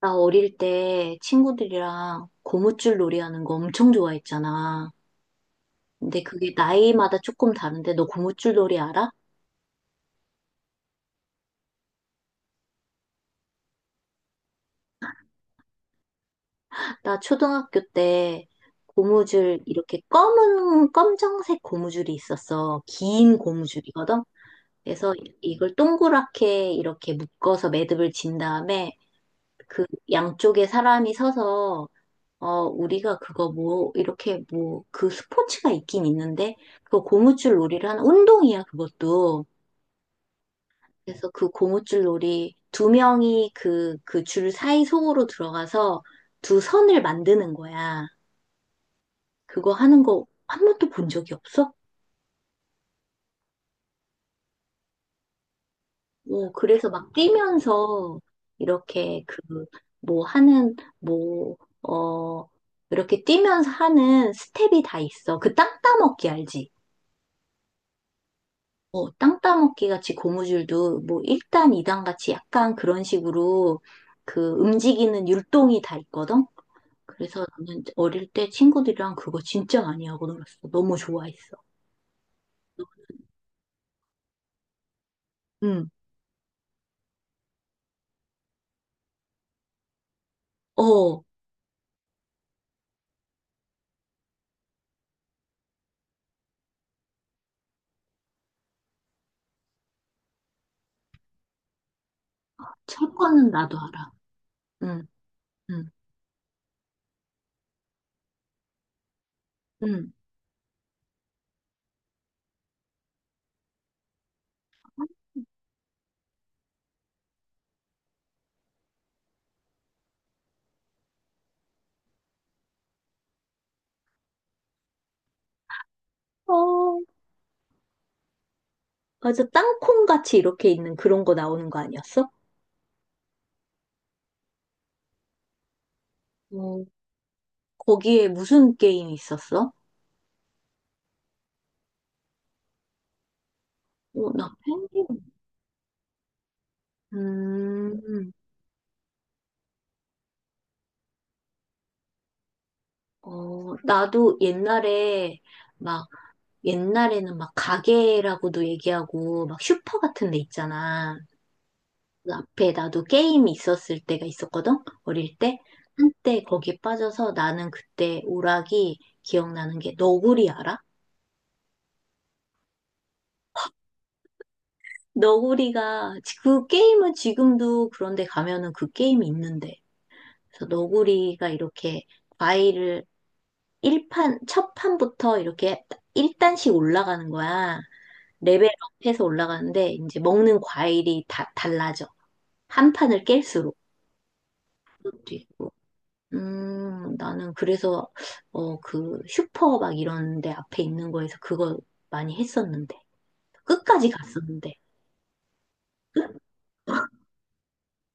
나 어릴 때 친구들이랑 고무줄 놀이 하는 거 엄청 좋아했잖아. 근데 그게 나이마다 조금 다른데 너 고무줄 놀이 알아? 나 초등학교 때 고무줄 이렇게 검은 검정색 고무줄이 있었어. 긴 고무줄이거든. 그래서 이걸 동그랗게 이렇게 묶어서 매듭을 진 다음에 그 양쪽에 사람이 서서 우리가 그거 뭐 이렇게 뭐 그 스포츠가 있긴 있는데 그거 고무줄 놀이를 하는 운동이야 그것도. 그래서 그 고무줄 놀이 두 명이 그 줄 사이 속으로 들어가서 두 선을 만드는 거야. 그거 하는 거 한 번도 본 적이 없어? 오, 그래서 막 뛰면서 이렇게 그, 뭐 하는, 뭐, 어, 이렇게 뛰면서 하는 스텝이 다 있어. 그 땅 따먹기 알지? 어, 땅 따먹기 같이 고무줄도 뭐 1단, 2단 같이 약간 그런 식으로 그 움직이는 율동이 다 있거든? 그래서 나는 어릴 때 친구들이랑 그거 진짜 많이 하고 놀았어. 너무 좋아했어. 응. 어, 철 거는 나도 알아. 응, 응, 응. 어, 맞아. 땅콩같이 이렇게 있는 그런 거 나오는 거 아니었어? 어, 거기에 무슨 게임 있었어? 어, 나 펭귄. 음, 나도 옛날에 막, 옛날에는 막 가게라고도 얘기하고, 막 슈퍼 같은 데 있잖아. 그 앞에 나도 게임이 있었을 때가 있었거든? 어릴 때. 한때 거기에 빠져서 나는 그때 오락이 기억나는 게 너구리 알아? 그 게임은 지금도 그런데 가면은 그 게임이 있는데. 그래서 너구리가 이렇게 과일을 일판첫 판부터 이렇게 1단씩 올라가는 거야. 레벨업해서 올라가는데 이제 먹는 과일이 다 달라져. 한 판을 깰수록. 그것도 있고. 나는 그래서, 그, 슈퍼 막 이런 데 앞에 있는 거에서 그거 많이 했었는데. 끝까지 갔었는데.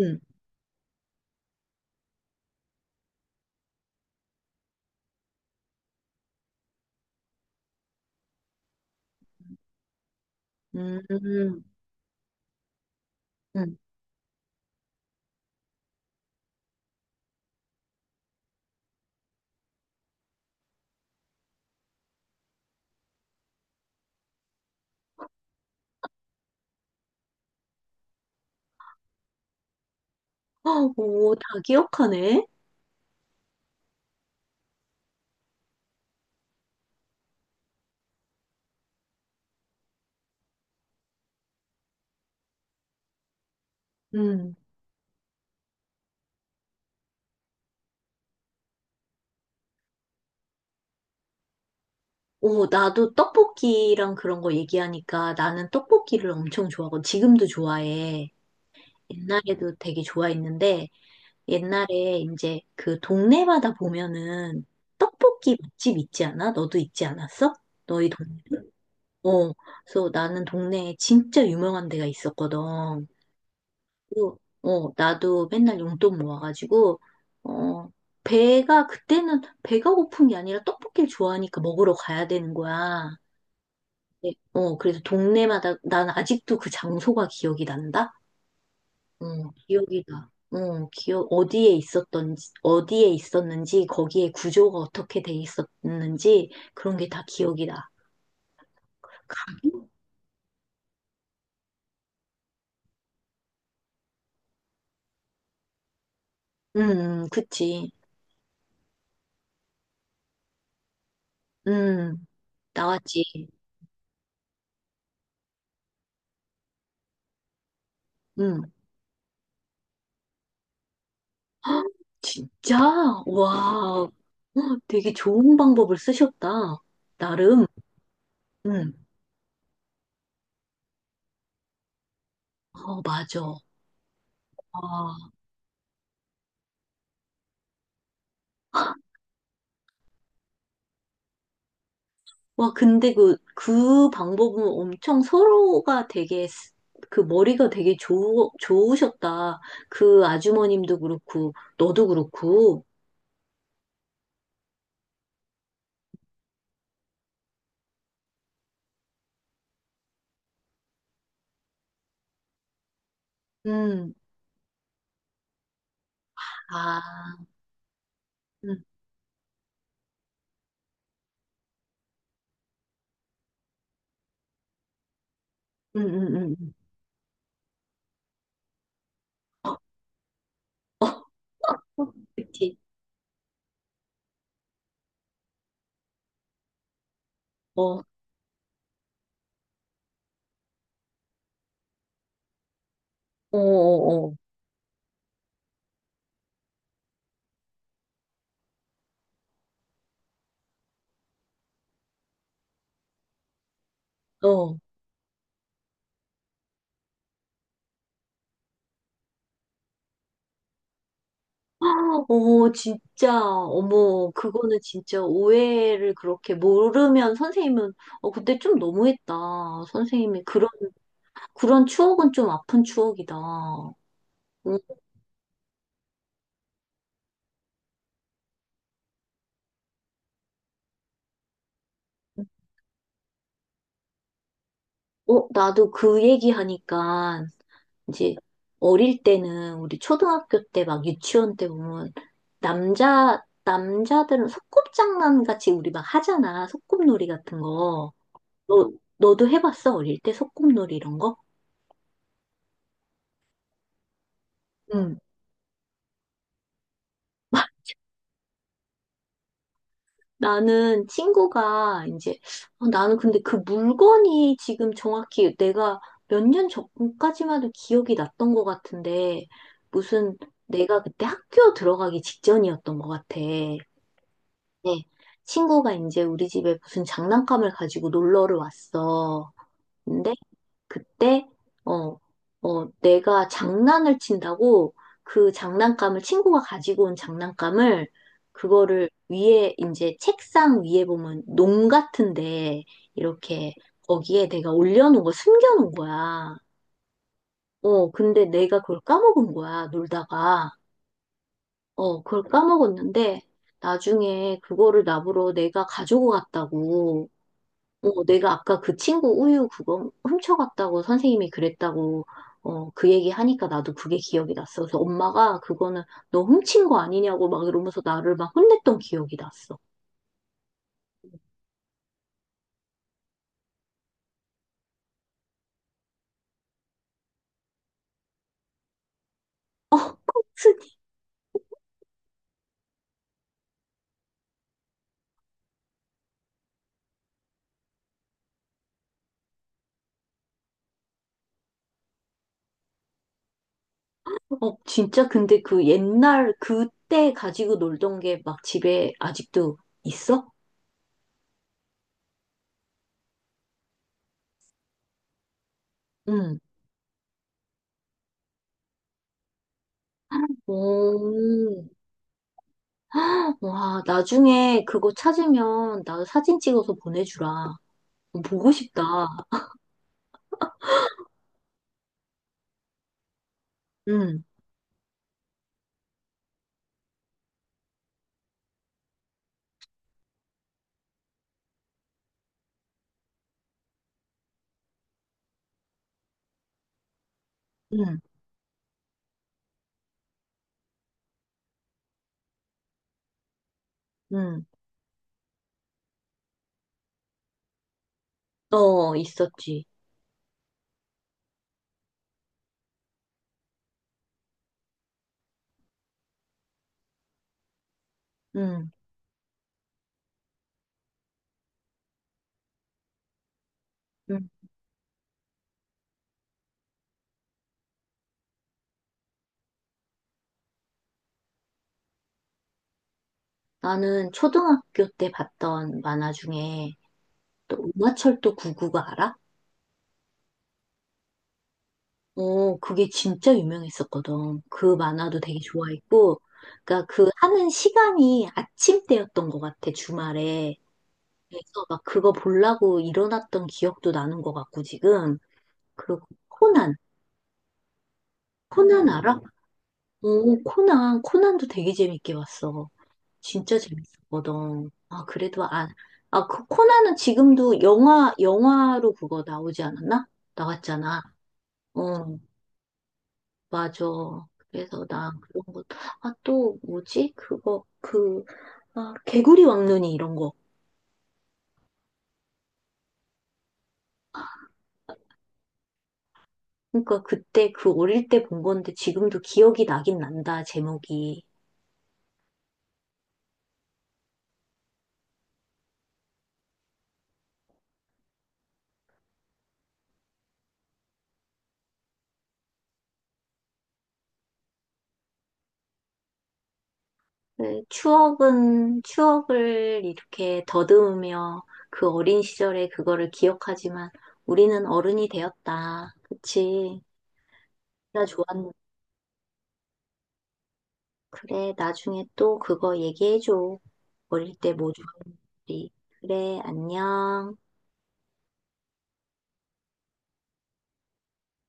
응, 음, 음, 음. 어, 오, 다 기억하네. 음. 오, 나도 떡볶이랑 그런 거 얘기하니까 나는 떡볶이를 엄청 좋아하고 지금도 좋아해. 옛날에도 되게 좋아했는데 옛날에 이제 그 동네마다 보면은 떡볶이 맛집 있지 않아? 너도 있지 않았어? 너희 동네? 어, 그래서 나는 동네에 진짜 유명한 데가 있었거든. 그리고, 나도 맨날 용돈 모아가지고, 어, 배가, 그때는 배가 고픈 게 아니라 떡볶이를 좋아하니까 먹으러 가야 되는 거야. 네, 그래서 동네마다, 난 아직도 그 장소가 기억이 난다? 어, 기억이 나. 어, 기억, 어디에 있었던지, 어디에 있었는지, 거기에 구조가 어떻게 돼 있었는지, 그런 게 다 기억이 나. 가격? 음, 그치. 음, 나왔지. 응. 헉, 진짜? 와, 헉, 되게 좋은 방법을 쓰셨다. 나름. 응. 어, 맞아. 와, 와, 근데 그 방법은 엄청 서로가 되게, 그 머리가 되게 좋으셨다. 그 아주머님도 그렇고, 너도 그렇고. 음, 아, 음, 음. 어, 그치. 어, 어, 어, 어. 어. 어, 진짜, 어머, 그거는 진짜 오해를 그렇게 모르면 선생님은, 어, 그때 좀 너무했다. 선생님이 그런, 그런 추억은 좀 아픈 추억이다. 어, 나도 그 얘기 하니까, 이제, 어릴 때는, 우리 초등학교 때 막 유치원 때 보면, 남자들은 소꿉장난 같이 우리 막 하잖아. 소꿉놀이 같은 거. 너, 너도 해봤어? 어릴 때 소꿉놀이 이런 거? 응. 나는 친구가 이제 나는 근데 그 물건이 지금 정확히 내가 몇 년 전까지만 해도 기억이 났던 것 같은데 무슨 내가 그때 학교 들어가기 직전이었던 것 같아. 네. 친구가 이제 우리 집에 무슨 장난감을 가지고 놀러를 왔어. 근데 그때 어, 내가 장난을 친다고 그 장난감을 친구가 가지고 온 장난감을 그거를 위에 이제 책상 위에 보면 농 같은데 이렇게 거기에 내가 올려놓은 거 숨겨놓은 거야. 근데 내가 그걸 까먹은 거야, 놀다가. 그걸 까먹었는데 나중에 그거를 나보러 내가 가지고 갔다고 내가 아까 그 친구 우유 그거 훔쳐갔다고 선생님이 그랬다고 그 얘기 하니까 나도 그게 기억이 났어. 그래서 엄마가 그거는 너 훔친 거 아니냐고 막 이러면서 나를 막 혼냈던 기억이 났어. 어, 진짜 근데 그 옛날 그때 가지고 놀던 게 막 집에 아직도 있어? 응. 오, 와, 나중에 그거 찾으면 나 사진 찍어서 보내주라. 어, 보고 싶다. 응, 응, 응. 어, 있었지. 응. 음. 나는 초등학교 때 봤던 만화 중에 또 은하철도 99가 알아? 어, 그게 진짜 유명했었거든. 그 만화도 되게 좋아했고, 그러니까 그 하는 시간이 아침 때였던 것 같아, 주말에. 그래서 막 그거 보려고 일어났던 기억도 나는 것 같고, 지금. 그리고 코난, 코난 알아? 어, 코난도 되게 재밌게 봤어. 진짜 재밌었거든. 아, 그래도 안, 아, 그 코나는 지금도 영화로 그거 나오지 않았나? 나왔잖아. 어, 맞아. 그래서 나 그런 것, 아, 또 뭐지? 그거, 그, 아, 개구리 왕눈이 이런 거. 그러니까 그때 그 어릴 때 본 건데 지금도 기억이 나긴 난다, 제목이. 추억을 이렇게 더듬으며 그 어린 시절에 그거를 기억하지만 우리는 어른이 되었다. 그치? 나 좋아하는, 그래, 나중에 또 그거 얘기해줘. 어릴 때 뭐 좋아하는지. 그래, 안녕.